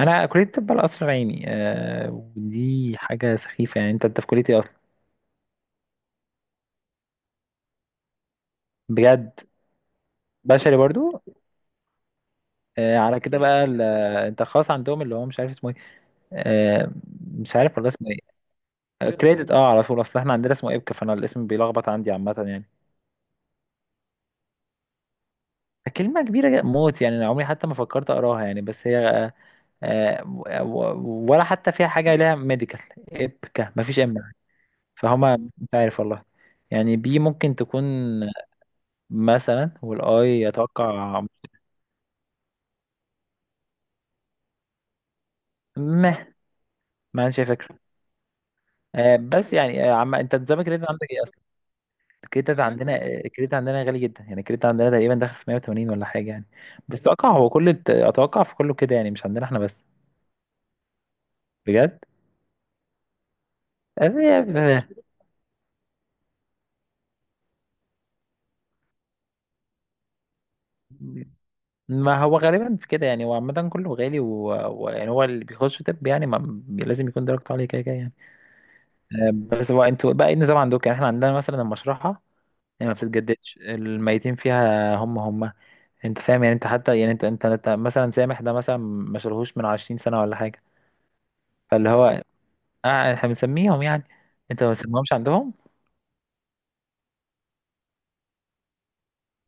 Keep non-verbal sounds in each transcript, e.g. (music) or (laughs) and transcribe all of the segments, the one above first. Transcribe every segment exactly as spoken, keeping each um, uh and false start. انا كليه الطب على قصر عيني آه. ودي حاجه سخيفه، يعني انت انت في كليه ايه اصلا؟ بجد؟ بشري برضو. آه، على كده بقى ال- آه، انت خاص عندهم اللي هو مش عارف اسمه ايه. آه. مش عارف والله اسمه ايه. آه، كريدت، اه، على طول، اصل احنا عندنا اسمه ابكا، فانا الاسم بيلخبط عندي عامه يعني. كلمه كبيره جدا موت يعني، انا عمري حتى ما فكرت اقراها يعني، بس هي آه. آه، و- و- ولا حتى فيها حاجه لها ميديكال. ابكا مفيش ام فهما مش عارف والله. يعني بي ممكن تكون مثلا، والاي اتوقع. مه، ما عنديش أي فكره. آه، بس يعني آه، عم انت نظام الكريدت عندك ايه اصلا؟ الكريدت عندنا آه، الكريدت عندنا غالي جدا يعني. الكريدت عندنا تقريبا داخل في مية وتمانين ولا حاجه يعني. بس اتوقع هو كل الت- اتوقع في كله كده يعني، مش عندنا احنا بس. بجد. آه، آه، ما هو غالبا في كده يعني، هو عامه كله غالي، ويعني و... و- يعني هو اللي بيخش طب يعني ما... بي- لازم يكون درجته عاليه كده كده يعني. آه، بس هو انتوا بقى ايه النظام عندكم؟ يعني احنا عندنا مثلا المشرحه يعني ما بتتجددش، الميتين فيها هم هم. انت فاهم يعني؟ انت حتى يعني انت انت, انت مثلا سامح، ده مثلا ما شالهوش من عشرين سنة ولا حاجة. فاللي هو آه، احنا بنسميهم يعني، انت ما بتسميهمش عندهم؟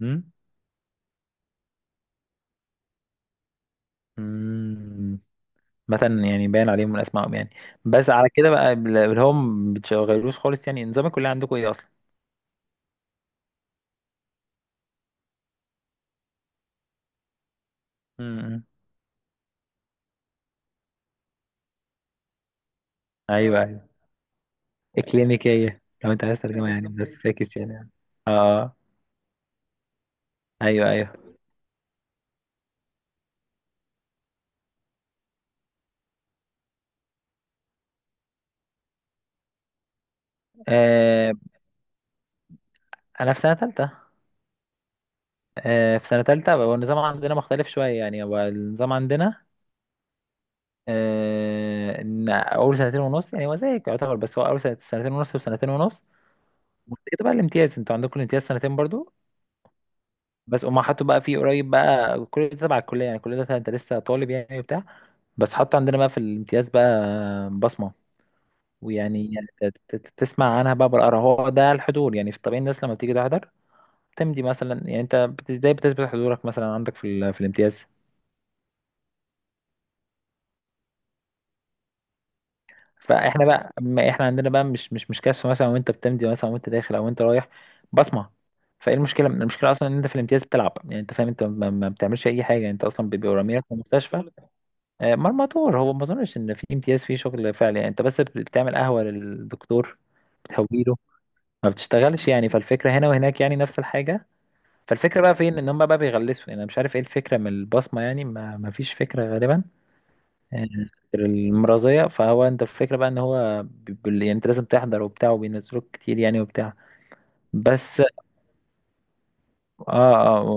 امم. امم. مثلا يعني باين عليهم من اسمائهم يعني. بس على كده بقى بل- اللي هم ما بتشغلوش خالص يعني، نظام الكلية عندكم ايه اصلا؟ امم. ايوه ايوه. اكلينيكية لو انت عايز ترجمة يعني، بس فاكس يعني. اه. ايوه ايوه. آه. انا في سنة تالتة. آه، في سنة تالتة بقى النظام عندنا مختلف شوية يعني، هو النظام عندنا آه، إن اول سنتين ونص يعني هو زيك يعتبر، بس هو اول سنة- سنتين ونص وسنتين ونص. وبعد كده بقى الامتياز، انتوا عندكم الامتياز سنتين برضو. بس هما حطوا بقى فيه قريب بقى، كل ده تبع الكليه يعني، كل ده انت لسه طالب يعني وبتاع. بس حطوا عندنا بقى في الامتياز بقى بصمه. ويعني ت- ت- ت- تسمع عنها بقى بالقرا، هو ده الحضور يعني. في الطبيعي الناس لما بتيجي تحضر تمضي مثلا يعني، انت بت- ازاي بتثبت حضورك مثلا عندك في ال- في الامتياز؟ فاحنا بقى ما احنا عندنا بقى مش مش مش كشف مثلا وانت بتمضي مثلا وانت داخل او انت رايح، بصمه. فايه المشكله؟ المشكله اصلا ان انت في الامتياز بتلعب، يعني انت فاهم، انت ما, ما بتعملش اي حاجه يعني، انت اصلا بيبقوا رامينك في المستشفى. آه، مرمطور. هو ما اظنش ان في امتياز فيه شغل فعلي يعني، انت بس بتعمل قهوه للدكتور، بتهويله، ما بتشتغلش يعني. فالفكره هنا وهناك يعني نفس الحاجه. فالفكره بقى فين؟ ان هم بقى بيغلسوا يعني، انا مش عارف ايه الفكره من البصمه يعني، ما, ما فيش فكره غالبا غير المرازية. فهو انت الفكرة بقى ان هو ب- بال- يعني انت لازم تحضر وبتاع، وبينزلوك كتير يعني وبتاع. بس اه. اه.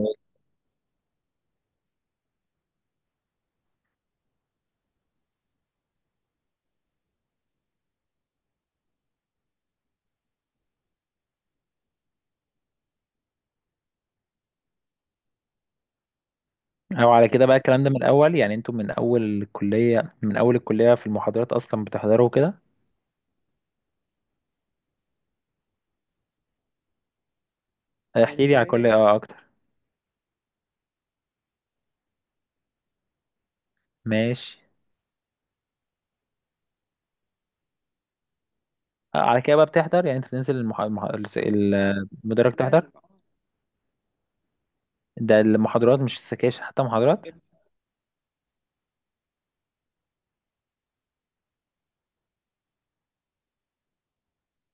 او على كده بقى الكلام ده من الاول يعني؟ انتوا من اول الكلية، من اول الكلية في المحاضرات اصلا بتحضروا كده؟ احكي لي على الكلية، ايوه، اه، اكتر. ماشي. آه، على كده بقى بتحضر يعني، انت بتنزل المح... المح... الس- ال- المدرج تحضر، لا؟ ده المحاضرات مش السكاشن، حتى محاضرات؟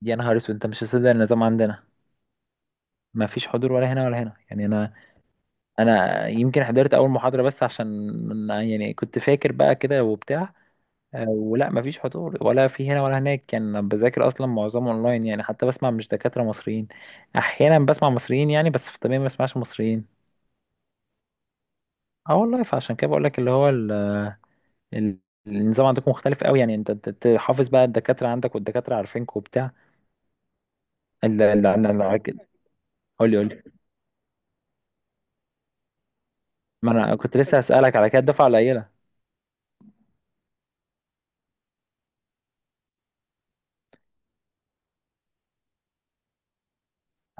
يا نهار اسود، انت مش هتصدق النظام عندنا. ما فيش حضور ولا هنا ولا هنا يعني. انا، انا يمكن حضرت اول محاضرة بس عشان يعني كنت فاكر بقى كده وبتاع. آه، ولا مفيش حضور ولا في هنا ولا هناك كان يعني. بذاكر اصلا معظمه اونلاين يعني، حتى بسمع مش دكاترة مصريين، احيانا بسمع مصريين يعني، بس في الطبيعي ما بسمعش مصريين. اه والله. فعشان كده بقول لك اللي هو ال... ال- النظام عندكم مختلف قوي يعني. انت أنت تحافظ بقى الدكاترة عندك، والدكاترة عارفينك وبتاع. ال- ال- ال- ال- قول لي، قول لي. ما انا كنت لسه هسألك على كده، الدفعة قليلة.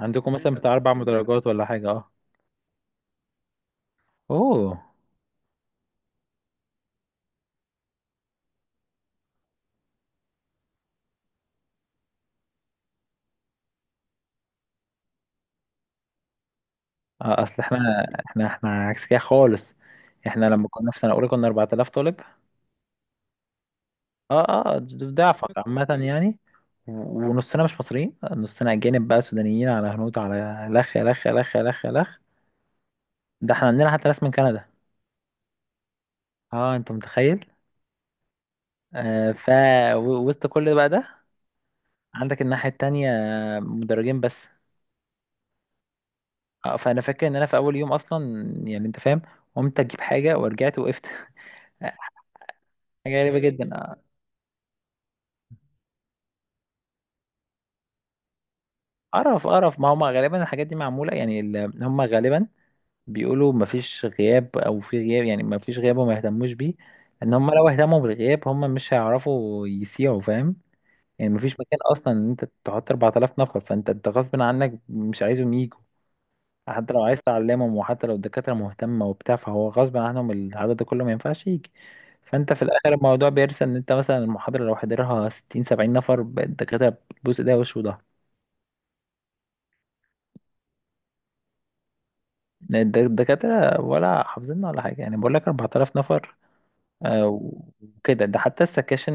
عندكم مثلا بتاع اربع مدرجات ولا حاجة؟ اه. اوه. اه، اصل احنا، احنا احنا عكس كده خالص. احنا لما كنا في سنه اولى كنا اربعة الاف طالب. اه، اه، ضعفك عامه يعني. و- ونصنا مش مصريين، نصنا اجانب بقى، سودانيين على هنود على لخ لخ لخ لخ لخ. ده احنا عندنا حتى ناس من كندا. اه، انت متخيل؟ آه ف و- وسط كل ده بقى ده، عندك الناحيه التانية مدرجين بس. اه، فانا فاكر ان انا في اول يوم اصلا يعني، انت فاهم، قمت اجيب حاجه ورجعت وقفت. (laughs) حاجه غريبه جدا آه. قرف قرف. ما هم غالبا الحاجات دي معمولة يعني، ال- هم غالبا بيقولوا مفيش غياب او في غياب يعني، مفيش غياب وما يهتموش بيه. لان هم لو اهتموا بالغياب هم مش هيعرفوا يسيعوا، فاهم يعني؟ مفيش مكان اصلا ان انت تحط اربعة الاف نفر، فانت انت غصب عنك مش عايزهم يجوا. حتى لو عايز تعلمهم، وحتى لو الدكاترة مهتمة وبتاع، فهو غصب عنهم العدد ده كله ما ينفعش يجي. فانت في الاخر الموضوع بيرسى ان انت مثلا المحاضرة لو حضرها ستين سبعين نفر الدكاترة بتبوس ايديها وش وضهر. الد- الدكاترة ولا حافظيننا ولا حاجة يعني، بقول لك اربعة الاف نفر. آه، وكده ده حتى السكاشن،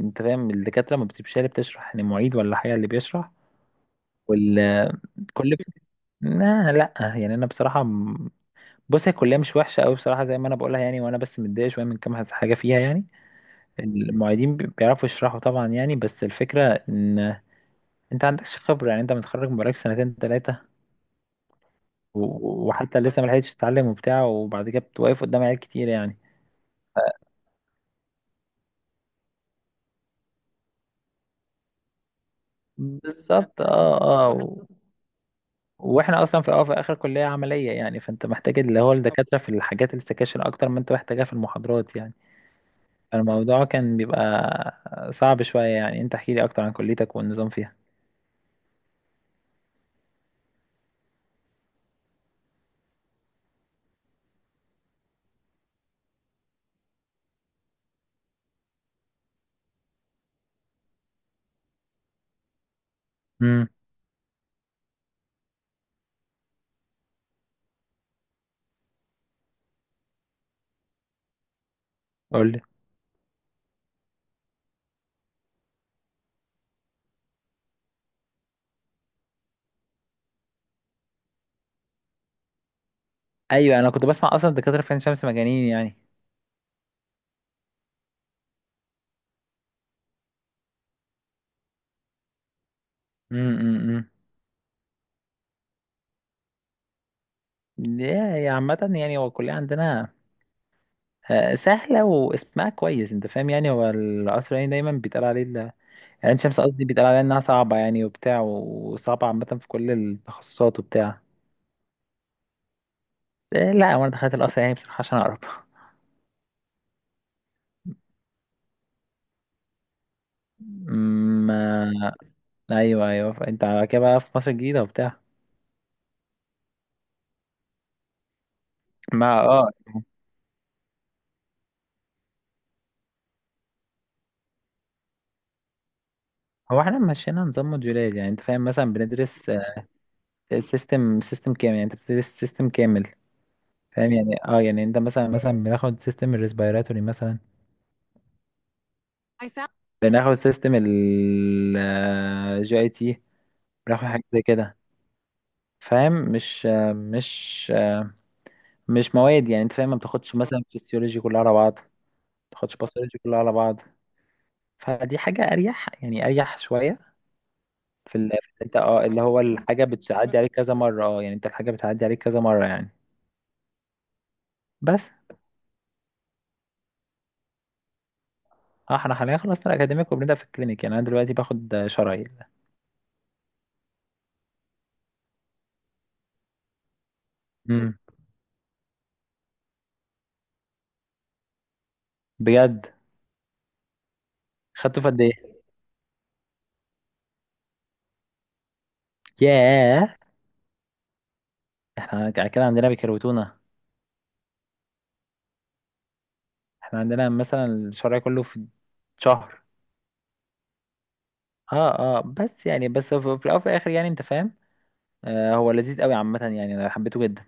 انت فاهم الدكاترة ما بتبقاش هي اللي بتشرح يعني، معيد ولا حاجة اللي بيشرح. وال كل لا لا، يعني انا بصراحة م- بص، هي الكلية مش وحشة قوي بصراحة زي ما انا بقولها يعني، وانا بس متضايق شوية من كام حاجة فيها يعني. المعيدين بي- بيعرفوا يشرحوا طبعا يعني، بس الفكرة ان انت عندكش خبرة يعني، انت متخرج بقالك سنتين تلاتة، و- وحتى لسه ما لحقتش تتعلم وبتاع، وبعد كده بتوقف قدام عيال كتير يعني. بالظبط، اه اه. و... واحنا اصلا في اه في اخر كليه عمليه يعني، فانت محتاج اللي هو الدكاتره في الحاجات السكاشن اكتر ما انت محتاجها في المحاضرات يعني. فالموضوع كان بيبقى صعب شويه يعني. انت احكي لي اكتر عن كليتك والنظام فيها. امم. قول لي. ايوه، انا كنت بسمع اصلا الدكاتره في عين شمس مجانين يعني. امم. يا، يا عامه يعني هو الكليه عندنا آه، سهله واسمها كويس، انت فاهم يعني، هو القصر العيني دايما بيتقال عليه، عين شمس قصدي، بيتقال عليها انها صعبة يعني وبتاع، وصعبة عامة في كل التخصصات وبتاع. إيه، لا، وانا دخلت القصر يعني بصراحة عشان اقرب. ما، ايوه ايوه. ف- انت على كده بقى في مصر الجديدة وبتاع. ما اه، هو احنا مشينا نظام موديولات يعني، انت فاهم، مثلا بندرس سيستم سيستم كامل يعني، انت بتدرس سيستم كامل، فاهم يعني؟ اه، يعني انت مثلا مثلا بناخد سيستم الريسبيراتوري مثلا. بناخد سيستم ال جي اي تي. بناخد حاجة زي كده، فاهم؟ مش آه، مش مش مواد يعني، انت فاهم؟ ما بتاخدش مثلا فيسيولوجي كلها على بعض، ما بتاخدش باثولوجي كلها على بعض. فدي حاجة اريح يعني، اريح شوية. في ال... في انت اه اللي هو الحاجة بتعدي عليك كذا مرة، اه يعني، انت الحاجة بتعدي عليك كذا مرة يعني. بس اه، احنا حاليا خلصنا الاكاديميك وبنبدأ في الكلينيك يعني، انا دلوقتي باخد شرايين. امم. بجد. خدته في قد ايه؟ ياه. احنا ك- كده عندنا بيكروتونا. احنا عندنا مثلا الشرعي كله في شهر. اه اه، بس يعني، بس في في الاول وفي الاخر يعني، انت فاهم. آه، هو لذيذ قوي عامة يعني، انا حبيته جدا.